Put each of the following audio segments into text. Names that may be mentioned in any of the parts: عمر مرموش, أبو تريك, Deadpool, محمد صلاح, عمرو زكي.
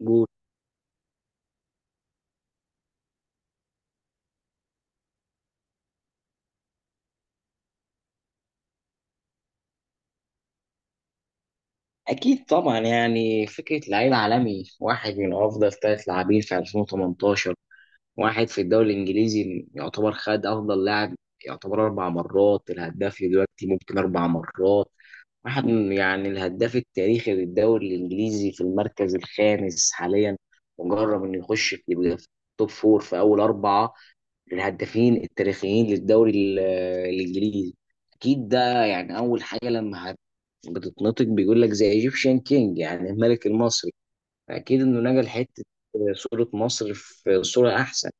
جول. اكيد طبعا يعني فكره لعيب عالمي، واحد من افضل ثلاث لاعبين في 2018، واحد في الدوري الانجليزي يعتبر خد افضل لاعب. يعتبر اربع مرات الهداف، دلوقتي ممكن اربع مرات. يعني الهداف التاريخي للدوري الانجليزي في المركز الخامس حاليا. مجرب انه يخش في، يبقى في توب فور، في اول اربعه من الهدافين التاريخيين للدوري الانجليزي. اكيد ده، يعني اول حاجه لما بتتنطق بيقول لك زي ايجيبشن كينج، يعني الملك المصري. اكيد انه نقل حته صوره مصر في صوره احسن.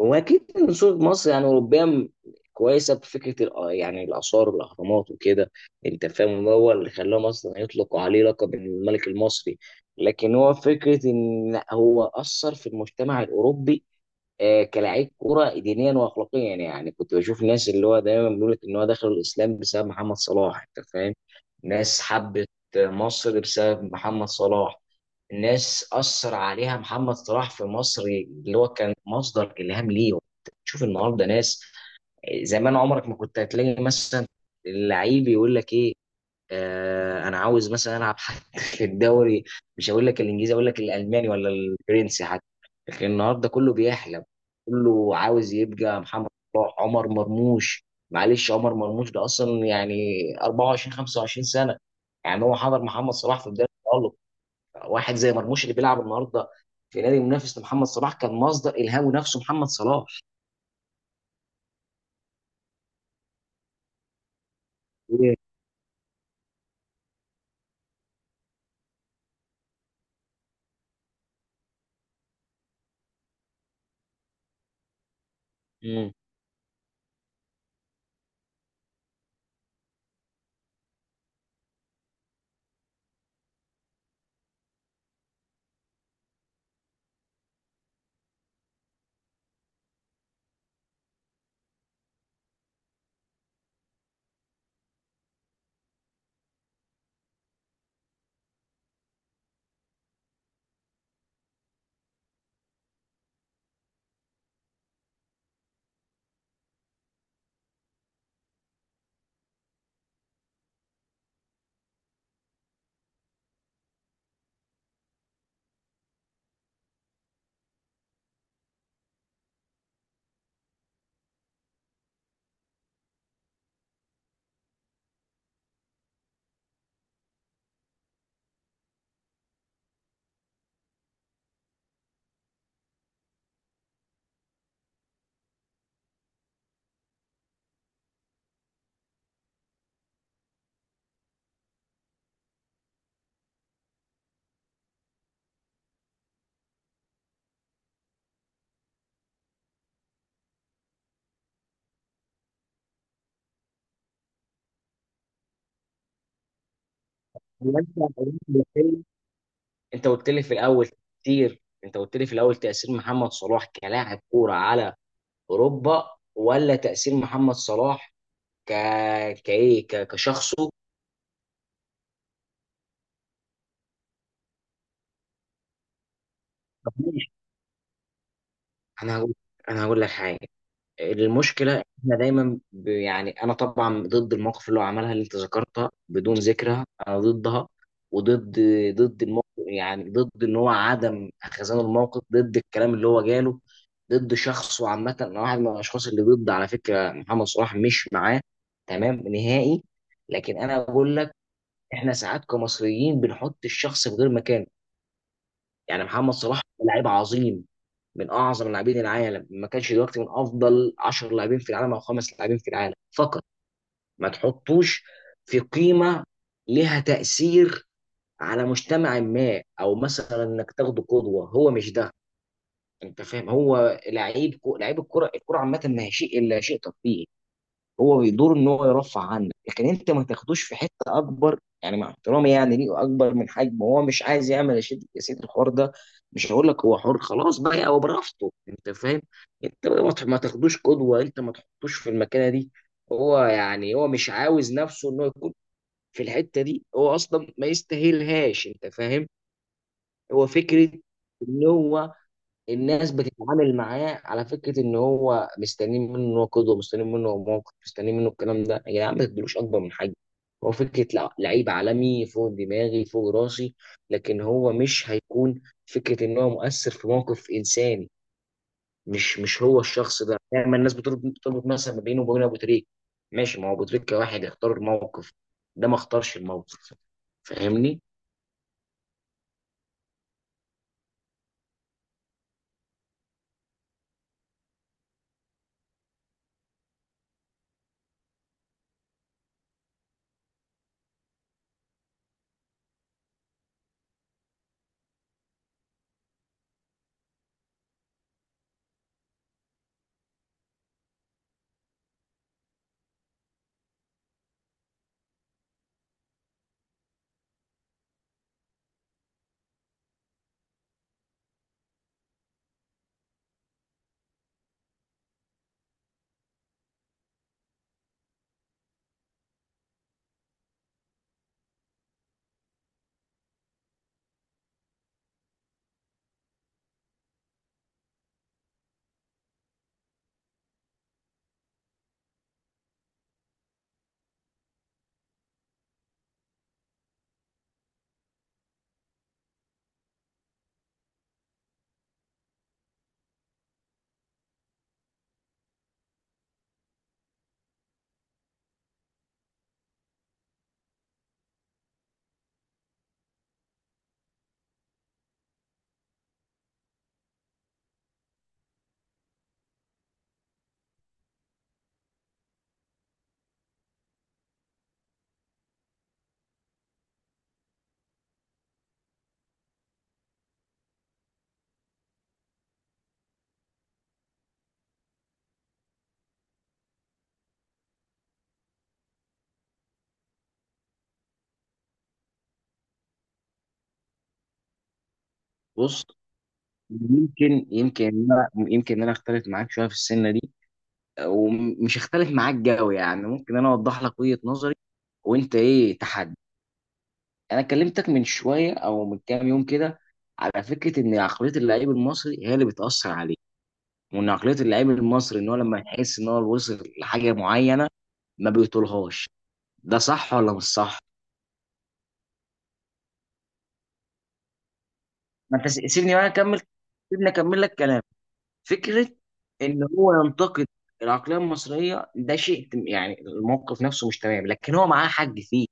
هو اكيد ان صوره مصر يعني اوروبيه كويسه بفكره يعني الاثار والاهرامات وكده، انت فاهم؟ هو اللي خلاهم اصلا يطلقوا عليه لقب الملك المصري. لكن هو فكره ان هو اثر في المجتمع الاوروبي، كلاعب كرة دينيا واخلاقيا. يعني كنت بشوف ناس اللي هو دايما بيقول لك ان هو دخل الاسلام بسبب محمد صلاح، انت فاهم؟ ناس حبت مصر بسبب محمد صلاح. الناس اثر عليها محمد صلاح في مصر، اللي هو كان مصدر الهام ليهم. تشوف النهارده ناس، زمان عمرك ما كنت هتلاقي مثلا اللعيب يقول لك ايه، انا عاوز مثلا العب حتى في الدوري. مش هقول لك الانجليزي، اقول لك الالماني ولا الفرنسي حتى. لكن النهارده كله بيحلم، كله عاوز يبقى محمد صلاح، عمر مرموش. معلش، عمر مرموش ده اصلا يعني 24 25 سنه. يعني هو حضر محمد صلاح في بدايه التألق. واحد زي مرموش اللي بيلعب النهارده في نادي منافس لمحمد صلاح كان مصدر الهامه نفسه محمد صلاح. مم. انت قلت لي في الاول تأثير محمد صلاح كلاعب كورة على اوروبا، ولا تأثير محمد صلاح ك كشخصه؟ ماشي. انا هقول انا هقول لك حاجة. المشكله إن احنا دايما يعني انا طبعا ضد المواقف اللي هو عملها، اللي انت ذكرتها بدون ذكرها، انا ضدها، وضد الموقف، يعني ضد ان هو عدم خزان الموقف، ضد الكلام اللي هو جاله، ضد شخصه عامه. انا واحد من الاشخاص اللي ضد على فكره محمد صلاح، مش معاه تمام نهائي. لكن انا بقول لك، احنا ساعات كمصريين بنحط الشخص في غير مكانه. يعني محمد صلاح لعيب عظيم، من اعظم لاعبين العالم، ما كانش دلوقتي من افضل 10 لاعبين في العالم او خمس لاعبين في العالم فقط. ما تحطوش في قيمه لها تاثير على مجتمع ما، او مثلا انك تاخده قدوه، هو مش ده، انت فاهم؟ هو لعيب لعيب الكره. الكره عامه ما هي شيء الا شيء ترفيهي، هو بيدور ان هو يرفع عنك. لكن انت ما تاخدوش في حته اكبر، يعني مع احترامي يعني ليه اكبر من حجمه. هو مش عايز يعمل يا سيدي يا سيدي الحوار ده، مش هقول لك، هو حر خلاص بقى، هو برافته، انت فاهم؟ انت ما تاخدوش قدوه، انت ما تحطوش في المكانه دي. هو يعني هو مش عاوز نفسه انه يكون في الحته دي، هو اصلا ما يستاهلهاش، انت فاهم؟ هو فكره ان هو الناس بتتعامل معاه على فكره ان هو مستنيين منه، ان هو قدوه مستنيين منه، هو موقف مستنيين منه الكلام ده. يا جدعان، ما تدلوش اكبر من حاجه. هو فكره لعيب عالمي فوق دماغي فوق راسي. لكن هو مش هيكون فكره ان هو مؤثر في موقف انساني. مش هو الشخص ده، دايما الناس بتربط مثلا ما بينه وبين ابو تريك. ماشي، ما هو ابو تريك كواحد اختار الموقف، ده ما اختارش الموقف، فاهمني؟ بص، يمكن ان انا اختلف معاك شويه في السنه دي، ومش هختلف معاك قوي. يعني ممكن انا اوضح لك وجهة نظري وانت ايه تحدي. انا كلمتك من شويه او من كام يوم كده على فكره ان عقليه اللعيب المصري هي اللي بتاثر عليه، وان عقليه اللعيب المصري ان هو لما يحس ان هو وصل لحاجه معينه ما بيطولهاش، ده صح ولا مش صح؟ ما انت سيبني بقى اكمل، سيبني اكمل لك كلام. فكره ان هو ينتقد العقليه المصريه، ده شيء يعني الموقف نفسه مش تمام، لكن هو معاه حق فيه.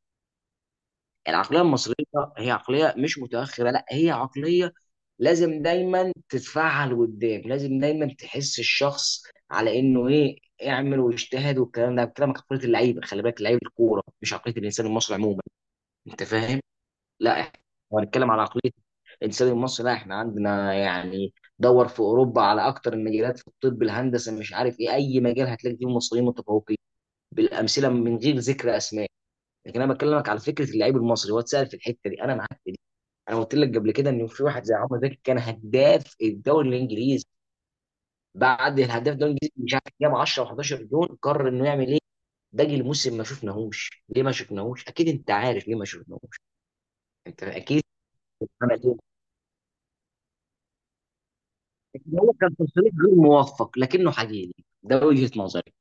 العقليه المصريه هي عقليه مش متاخره، لا هي عقليه لازم دايما تتفعل قدام، لازم دايما تحس الشخص على انه ايه، اعمل واجتهد، والكلام ده الكلام عقليه اللعيبه. خلي بالك، لعيبه الكوره، مش عقليه الانسان المصري عموما، انت فاهم؟ لا احنا هنتكلم على عقليه الانسان المصري، لا احنا عندنا يعني دور في اوروبا على اكتر المجالات، في الطب، الهندسه، مش عارف ايه، اي مجال هتلاقي فيه مصريين متفوقين بالامثله من غير ذكر اسماء. لكن انا بكلمك على فكره اللعيب المصري، هو اتسال في الحته دي، انا معاك في، انا قلت لك قبل كده ان في واحد زي عمرو زكي كان هداف الدوري الانجليزي. بعد الهداف الدوري الانجليزي مش عارف جاب 10 و11 جون، قرر انه يعمل ايه باقي الموسم؟ ما شفناهوش. ليه ما شفناهوش؟ اكيد انت عارف ليه ما شفناهوش، انت اكيد عمل ايه. لكن هو كان تصريح غير موفق لكنه حقيقي، ده وجهة نظري.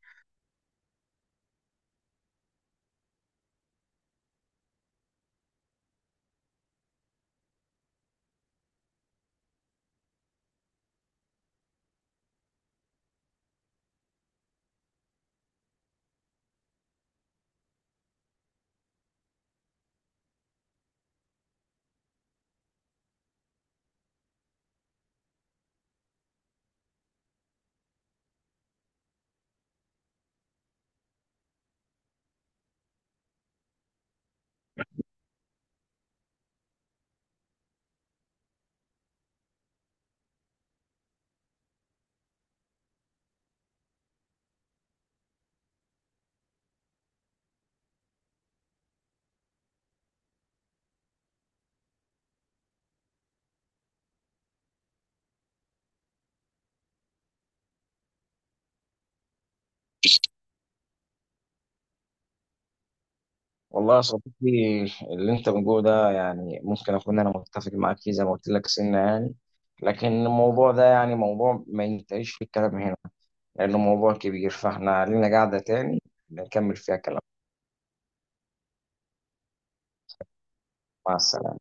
والله يا صديقي، اللي انت بتقوله ده يعني ممكن اكون انا متفق معاك فيه، زي ما قلت لك سنة يعني. لكن الموضوع ده يعني موضوع ما ينتهيش في الكلام هنا لأنه موضوع كبير، فاحنا لينا قاعدة تاني نكمل فيها كلام. مع السلامة.